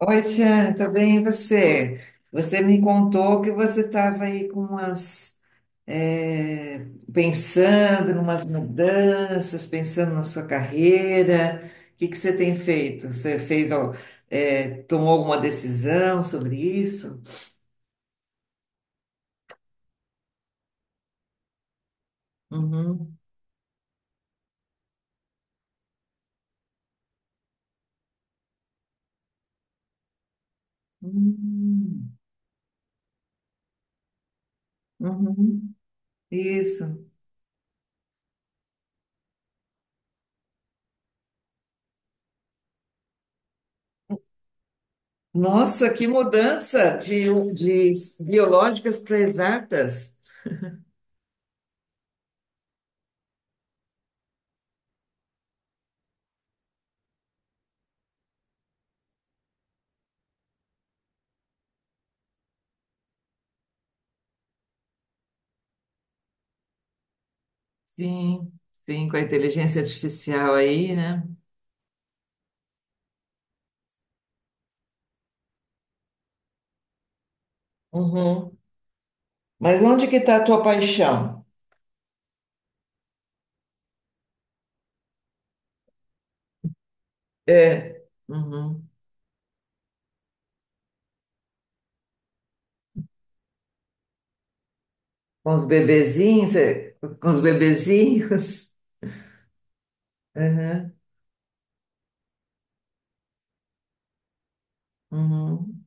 Oi, Tiane, tudo bem? E você? Você me contou que você estava aí com é, pensando em umas mudanças, pensando na sua carreira. O que que você tem feito? Você tomou alguma decisão sobre isso? Uhum. Hum, uhum. Isso. Nossa, que de biológicas para exatas. Sim, sim, com a inteligência artificial aí, né? Uhum. Mas onde que está a tua paixão? É, uhum. Com os com os bebezinhos. Aham, uhum.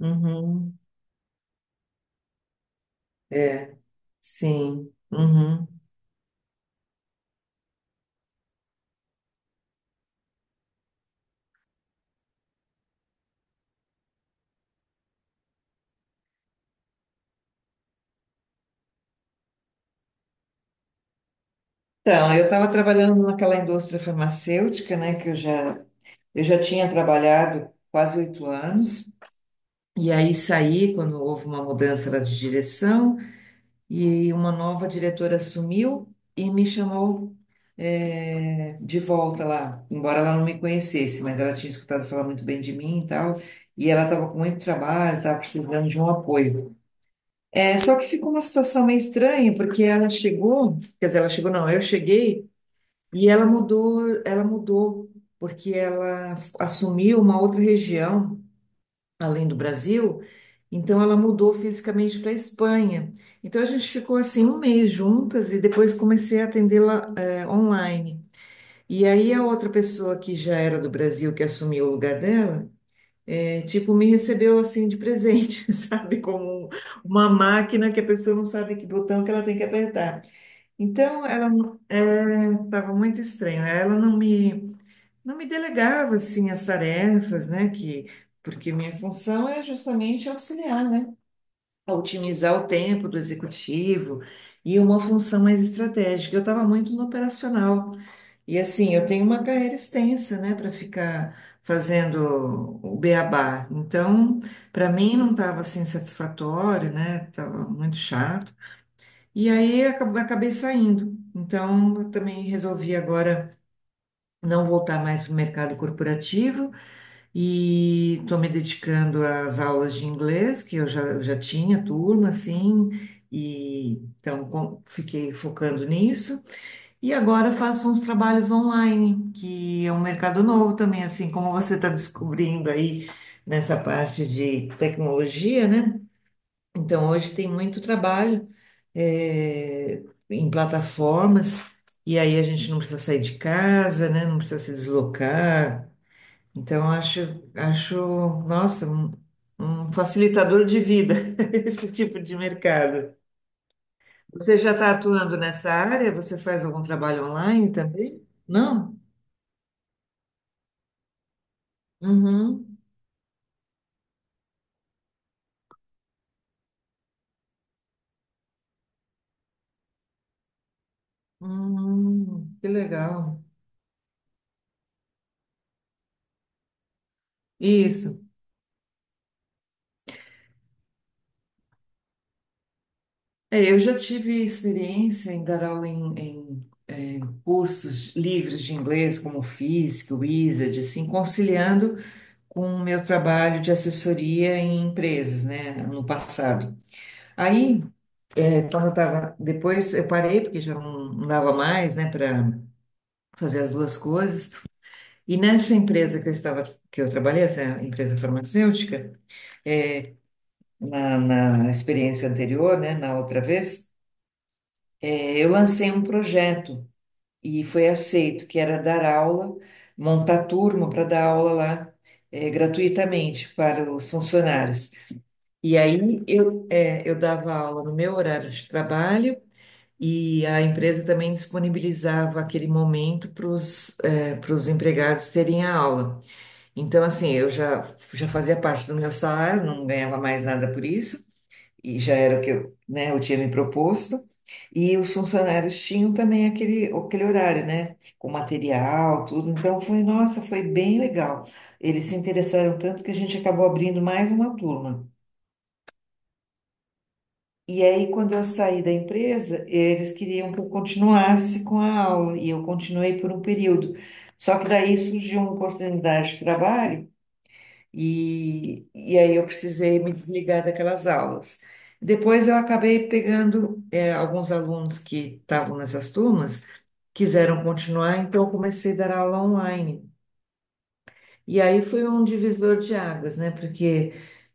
Uhum. É, sim. Uhum. Então, eu estava trabalhando naquela indústria farmacêutica, né, eu já tinha trabalhado quase 8 anos, e aí saí quando houve uma mudança lá de direção. E uma nova diretora assumiu e me chamou de volta lá, embora ela não me conhecesse, mas ela tinha escutado falar muito bem de mim e tal, e ela estava com muito trabalho, estava precisando de um apoio. É, só que ficou uma situação meio estranha, porque ela chegou, quer dizer, ela chegou, não, eu cheguei, e ela mudou, porque ela assumiu uma outra região além do Brasil, então ela mudou fisicamente para a Espanha. Então a gente ficou assim um mês juntas e depois comecei a atendê-la, online. E aí a outra pessoa que já era do Brasil que assumiu o lugar dela, tipo me recebeu assim de presente, sabe, como um, uma máquina que a pessoa não sabe que botão que ela tem que apertar. Então ela estava muito estranha. Ela não me delegava assim as tarefas, né? Que Porque minha função é justamente auxiliar, né? A otimizar o tempo do executivo e uma função mais estratégica. Eu estava muito no operacional e assim eu tenho uma carreira extensa, né? Para ficar fazendo o beabá. Então, para mim não estava assim satisfatório, né? Tava muito chato. E aí acabei saindo. Então, eu também resolvi agora não voltar mais para o mercado corporativo. E estou me dedicando às aulas de inglês, eu já tinha turma, assim, e então fiquei focando nisso. E agora faço uns trabalhos online, que é um mercado novo também, assim como você está descobrindo aí nessa parte de tecnologia, né? Então hoje tem muito trabalho, eh, em plataformas, e aí a gente não precisa sair de casa, né? Não precisa se deslocar. Então, acho, nossa, um facilitador de vida esse tipo de mercado. Você já está atuando nessa área? Você faz algum trabalho online também? Não? Uhum. Que legal. Isso. É, eu já tive experiência em dar aula em, em, é, cursos livres de inglês, como Fisk, Wizard, assim, conciliando com o meu trabalho de assessoria em empresas, né, no passado. Aí, então eu tava, depois eu parei porque já não, não dava mais, né, para fazer as duas coisas. E nessa empresa que eu estava, que eu trabalhei, essa empresa farmacêutica, na experiência anterior, né, na outra vez, eu lancei um projeto e foi aceito, que era dar aula, montar turma para dar aula lá, gratuitamente para os funcionários. E aí eu dava aula no meu horário de trabalho. E a empresa também disponibilizava aquele momento para os empregados terem a aula. Então, assim, já fazia parte do meu salário, não ganhava mais nada por isso, e já era o que eu, né, eu tinha me proposto. E os funcionários tinham também aquele horário, né, com material, tudo. Então, foi, nossa, foi bem legal. Eles se interessaram tanto que a gente acabou abrindo mais uma turma. E aí, quando eu saí da empresa, eles queriam que eu continuasse com a aula, e eu continuei por um período. Só que daí surgiu uma oportunidade de trabalho, e aí eu precisei me desligar daquelas aulas. Depois eu acabei pegando, alguns alunos que estavam nessas turmas, quiseram continuar, então eu comecei a dar aula online. E aí foi um divisor de águas, né? Porque,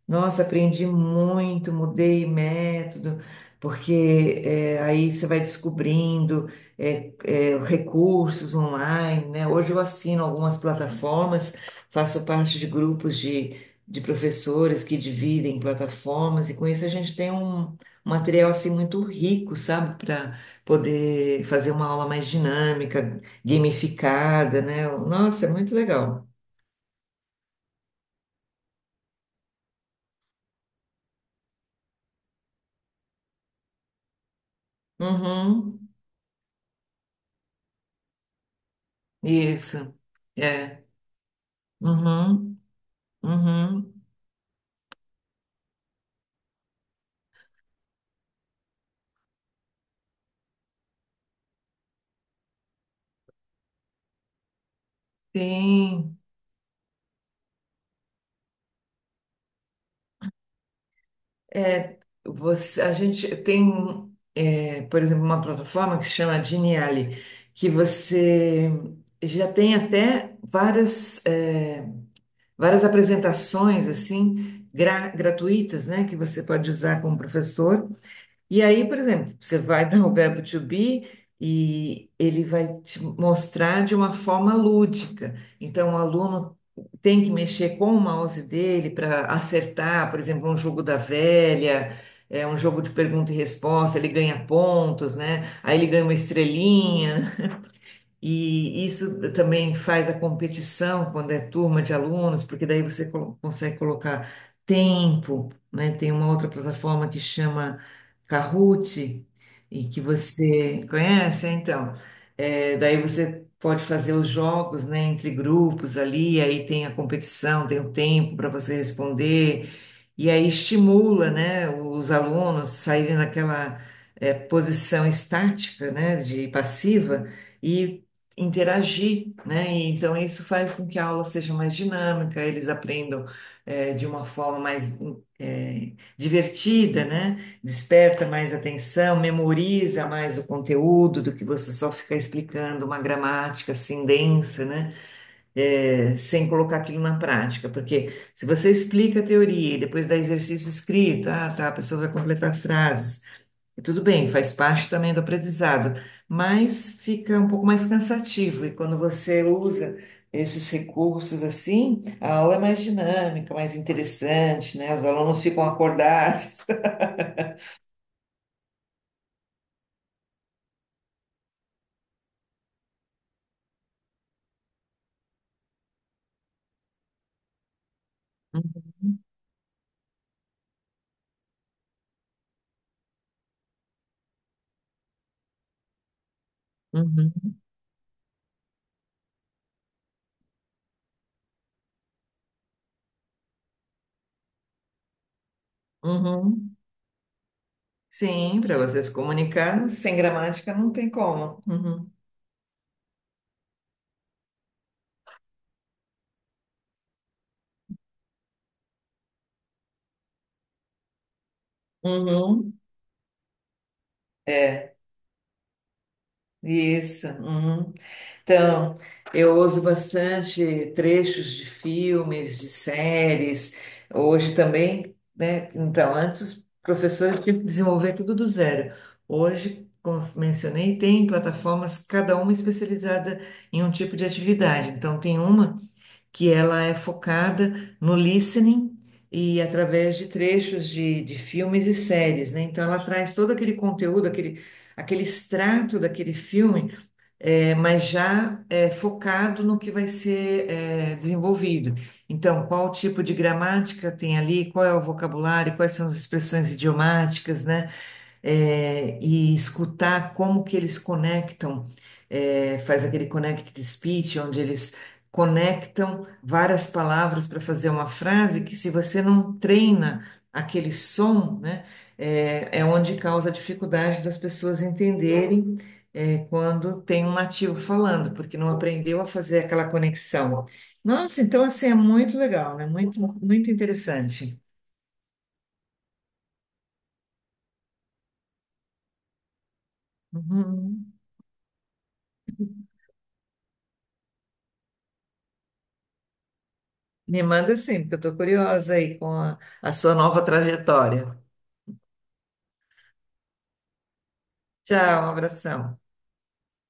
nossa, aprendi muito, mudei método, porque é, aí você vai recursos online, né? Hoje eu assino algumas plataformas, faço parte de de professores que dividem plataformas, e com isso a gente tem um material assim muito rico, sabe? Para poder fazer uma aula mais dinâmica, gamificada, né? Nossa, é muito legal. Uhum. Isso. É. Uhum. Uhum. Tem. É, a gente tem, é, por exemplo, uma plataforma que se chama Geniali, que você já tem até várias apresentações assim gratuitas, né, que você pode usar como professor. E aí, por exemplo, você vai dar o verbo to be e ele vai te mostrar de uma forma lúdica. Então, o aluno tem que mexer com o mouse dele para acertar, por exemplo, um jogo da velha, é um jogo de pergunta e resposta, ele ganha pontos, né? Aí ele ganha uma estrelinha. E isso também faz a competição quando é turma de alunos, porque daí você consegue colocar tempo, né? Tem uma outra plataforma que chama Kahoot, e que você conhece, então. É, daí você pode fazer os jogos, né, entre grupos ali, aí tem a competição, tem o tempo para você responder, e aí estimula, né, os alunos saírem daquela, é, posição estática, né, de passiva, e interagir, né? E então isso faz com que a aula seja mais dinâmica, eles aprendam de uma forma mais eh, divertida, né? Desperta mais atenção, memoriza mais o conteúdo do que você só ficar explicando uma gramática assim densa, né? Eh, sem colocar aquilo na prática, porque se você explica a teoria e depois dá exercício escrito, ah, tá, a pessoa vai completar frases e tudo bem, faz parte também do aprendizado, mas fica um pouco mais cansativo. E quando você usa esses recursos assim, a aula é mais dinâmica, mais interessante, né? Os alunos ficam acordados. Uhum, uhum, uhum. Sim, para você se comunicar, sem gramática não tem como. Uhum, uhum. É, isso. Uhum. Então, eu uso bastante trechos de filmes, de séries. Hoje também, né? Então, antes os professores tinham que desenvolver tudo do zero. Hoje, como eu mencionei, tem plataformas, cada uma especializada em um tipo de atividade. Então, tem uma que ela é focada no listening e através de trechos de filmes e séries, né? Então, ela traz todo aquele conteúdo, aquele extrato daquele filme é, mas já é, focado no que vai ser é, desenvolvido. Então, qual tipo de gramática tem ali, qual é o vocabulário, quais são as expressões idiomáticas, né? É, e escutar como que eles conectam, é, faz aquele connected speech, onde eles conectam várias palavras para fazer uma frase que se você não treina aquele som, né, é onde causa a dificuldade das pessoas entenderem, é, quando tem um nativo falando, porque não aprendeu a fazer aquela conexão. Nossa, então assim é muito legal, né? Muito, muito interessante. Uhum. Me manda sim, porque eu estou curiosa aí com a sua nova trajetória. Tchau, um abração.